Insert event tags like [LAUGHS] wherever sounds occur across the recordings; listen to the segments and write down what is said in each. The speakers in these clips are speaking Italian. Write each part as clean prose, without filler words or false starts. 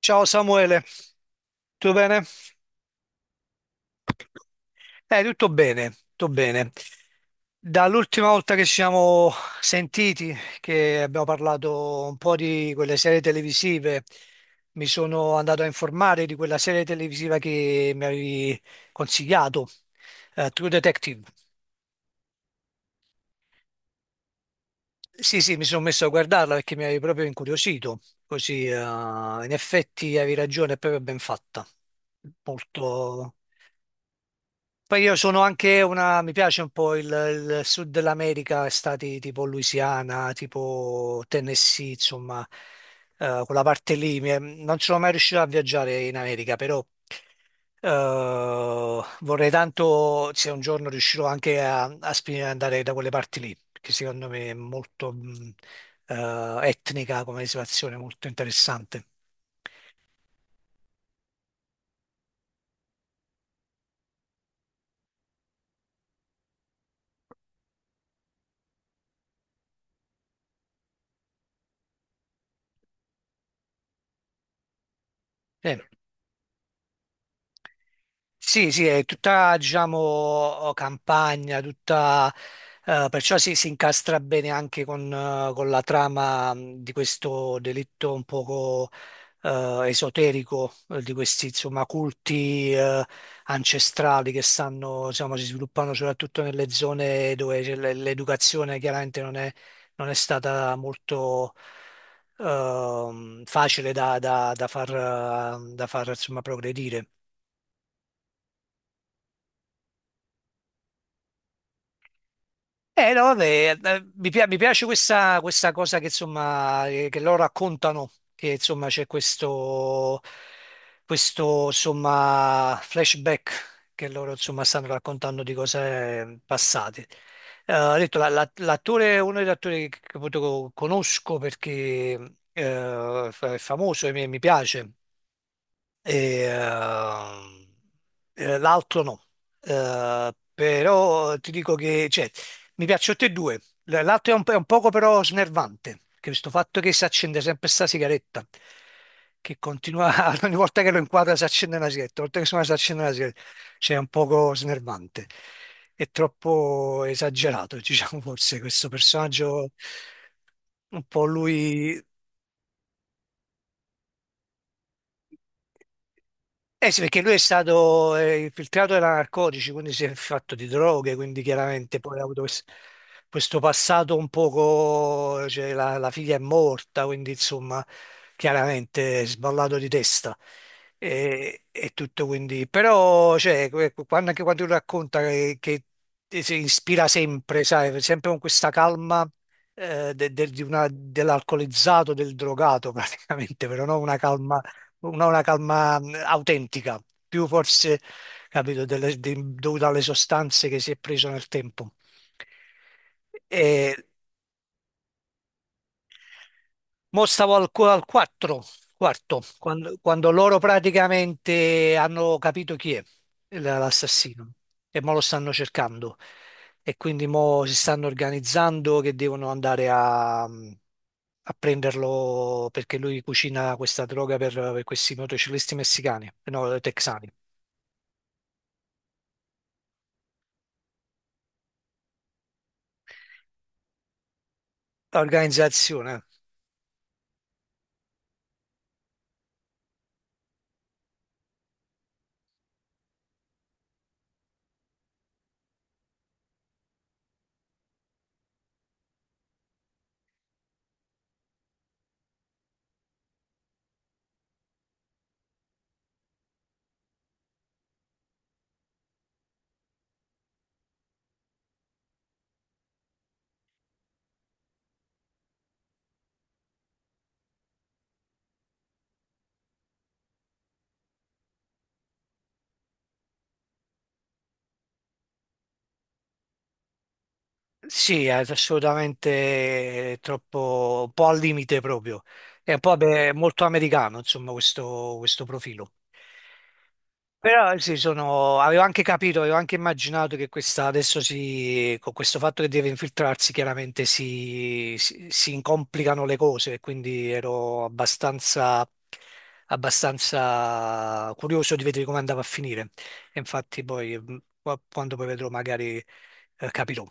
Ciao Samuele, tutto bene? Tutto bene, tutto bene. Dall'ultima volta che ci siamo sentiti, che abbiamo parlato un po' di quelle serie televisive, mi sono andato a informare di quella serie televisiva che mi avevi consigliato, True Detective. Sì, sì, mi sono messo a guardarla perché mi avevi proprio incuriosito, così in effetti avevi ragione, è proprio ben fatta, molto... Poi io sono anche una, mi piace un po' il sud dell'America, stati tipo Louisiana, tipo Tennessee, insomma, quella parte lì. Non sono mai riuscito a viaggiare in America, però vorrei tanto se un giorno riuscirò anche andare da quelle parti lì, che secondo me è molto etnica come situazione, molto interessante. Sì. Sì, sì, è tutta, diciamo, campagna, tutta, perciò si, si incastra bene anche con la trama di questo delitto un poco esoterico, di questi, insomma, culti ancestrali che stanno, insomma, si sviluppano soprattutto nelle zone dove c'è l'educazione chiaramente non è, non è stata molto facile da far, da far, insomma, progredire. No, vabbè, mi piace questa, questa cosa che, insomma, che loro raccontano, che insomma c'è questo, questo insomma, flashback che loro insomma, stanno raccontando di cose passate. Ho detto, l'attore, uno degli attori che appunto conosco perché è famoso e mi piace, e, ehm, l'altro no. Però ti dico che cioè, mi piacciono tutti e due. L'altro è un, po' è un poco però snervante, che questo fatto che si accende sempre sta sigaretta, che continua, [LAUGHS] ogni volta che lo inquadra si accende una sigaretta, ogni volta che suona si accende una sigaretta, cioè è un poco snervante. È troppo esagerato, [LAUGHS] diciamo, forse questo personaggio, un po' lui. Eh sì, perché lui è stato infiltrato da narcotici, quindi si è fatto di droghe, quindi chiaramente poi ha avuto questo passato un poco, cioè la figlia è morta, quindi insomma chiaramente è sballato di testa e tutto quindi, però cioè, quando, anche quando lui racconta che si ispira sempre, sai, sempre con questa calma dell'alcolizzato, del drogato [LAUGHS] praticamente, però no una calma una calma autentica, più forse, capito, dovuta alle sostanze che si è preso nel tempo. E mo stavo al, al 4, quarto, quando, quando loro praticamente hanno capito chi è l'assassino e mo lo stanno cercando e quindi mo si stanno organizzando che devono andare a prenderlo perché lui cucina questa droga per questi motociclisti messicani, no, texani. Organizzazione. Sì, è assolutamente troppo, un po' al limite proprio. È un po' beh, molto americano, insomma, questo profilo. Però sì, sono, avevo anche capito, avevo anche immaginato che questa adesso si, con questo fatto che deve infiltrarsi, chiaramente si, si, si incomplicano le cose, quindi ero abbastanza, abbastanza curioso di vedere come andava a finire. E infatti poi, quando poi vedrò, magari capirò.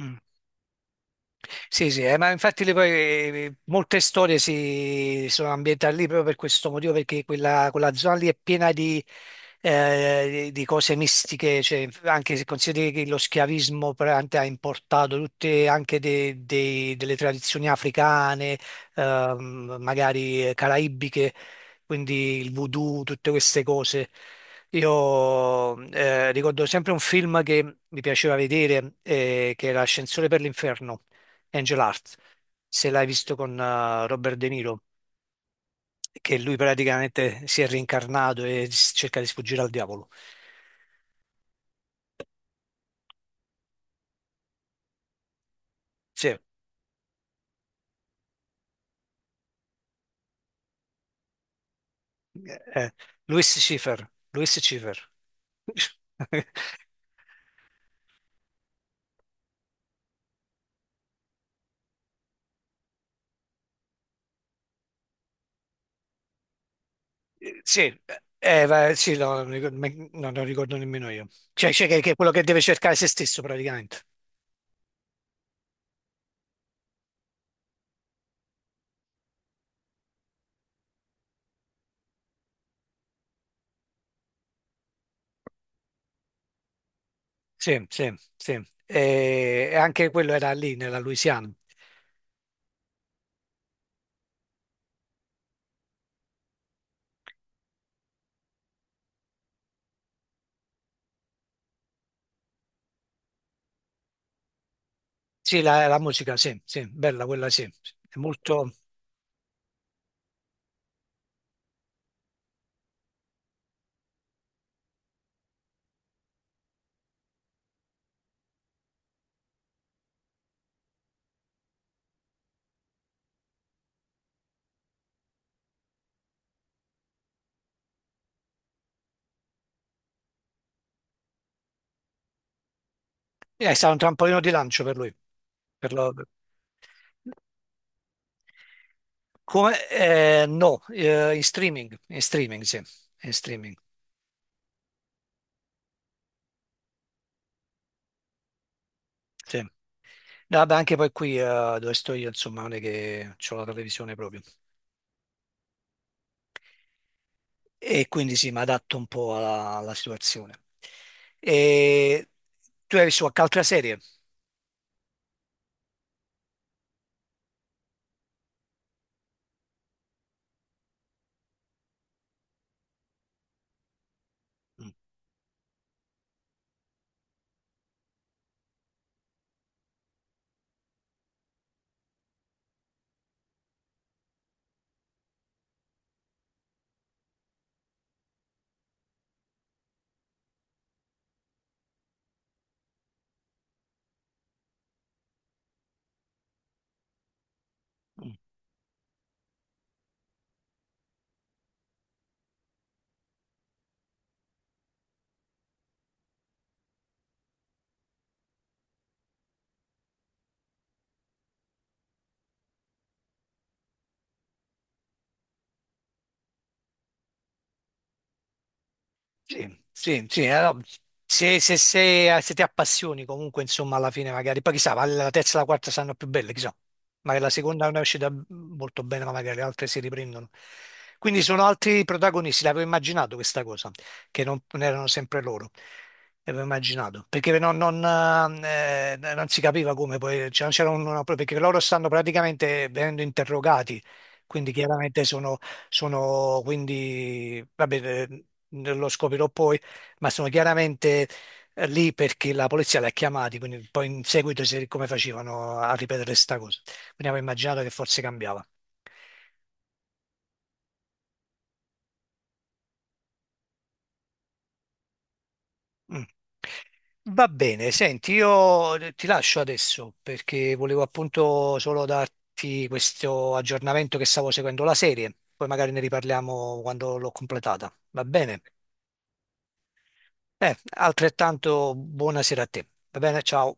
Mm. Sì, sì, ma infatti poi, molte storie si sono ambientate lì proprio per questo motivo, perché quella, quella zona lì è piena di cose mistiche, cioè, anche se consideri che lo schiavismo praticamente ha importato tutte anche delle tradizioni africane, magari caraibiche, quindi il voodoo, tutte queste cose. Io ricordo sempre un film che mi piaceva vedere, che era Ascensore per l'inferno. Angel Heart, se l'hai visto con Robert De Niro, che lui praticamente si è reincarnato e cerca di sfuggire al diavolo. Sì, eh, Louis Schiffer, Louis Schiffer. [LAUGHS] Sì, sì, no, non ricordo, no, non ricordo nemmeno io. Cioè, cioè che è quello che deve cercare se stesso praticamente. Sì, sì, sì. E anche quello era lì nella Louisiana. Sì, la musica, sì, sì, bella quella, sì. È molto... è stato un trampolino di lancio per lui. Per lo- Come... no, in streaming, sì, in streaming, sì. No, vabbè, anche poi qui dove sto io, insomma, non è che ho la televisione proprio. E quindi sì, mi adatto un po' alla, alla situazione. E tu hai visto qualche altra serie? Mm. Mm. Sì, sì, sì, allora, se, se, se ti appassioni comunque, insomma, alla fine magari, poi chissà, ma la terza e la quarta saranno più belle, chissà, magari la seconda non è uscita molto bene, ma magari le altre si riprendono. Quindi sono altri protagonisti, l'avevo immaginato questa cosa, che non, non erano sempre loro, l'avevo immaginato, perché non, non, non si capiva come poi, cioè, non c'era una, perché loro stanno praticamente venendo interrogati, quindi chiaramente sono quindi, vabbè, lo scoprirò poi, ma sono chiaramente lì perché la polizia li ha chiamati, quindi poi in seguito come facevano a ripetere sta cosa. Quindi avevo immaginato che forse cambiava. Mm. Va bene, senti, io ti lascio adesso perché volevo appunto solo darti questo aggiornamento che stavo seguendo la serie, poi magari ne riparliamo quando l'ho completata. Va bene? Altrettanto buonasera a te. Va bene, ciao.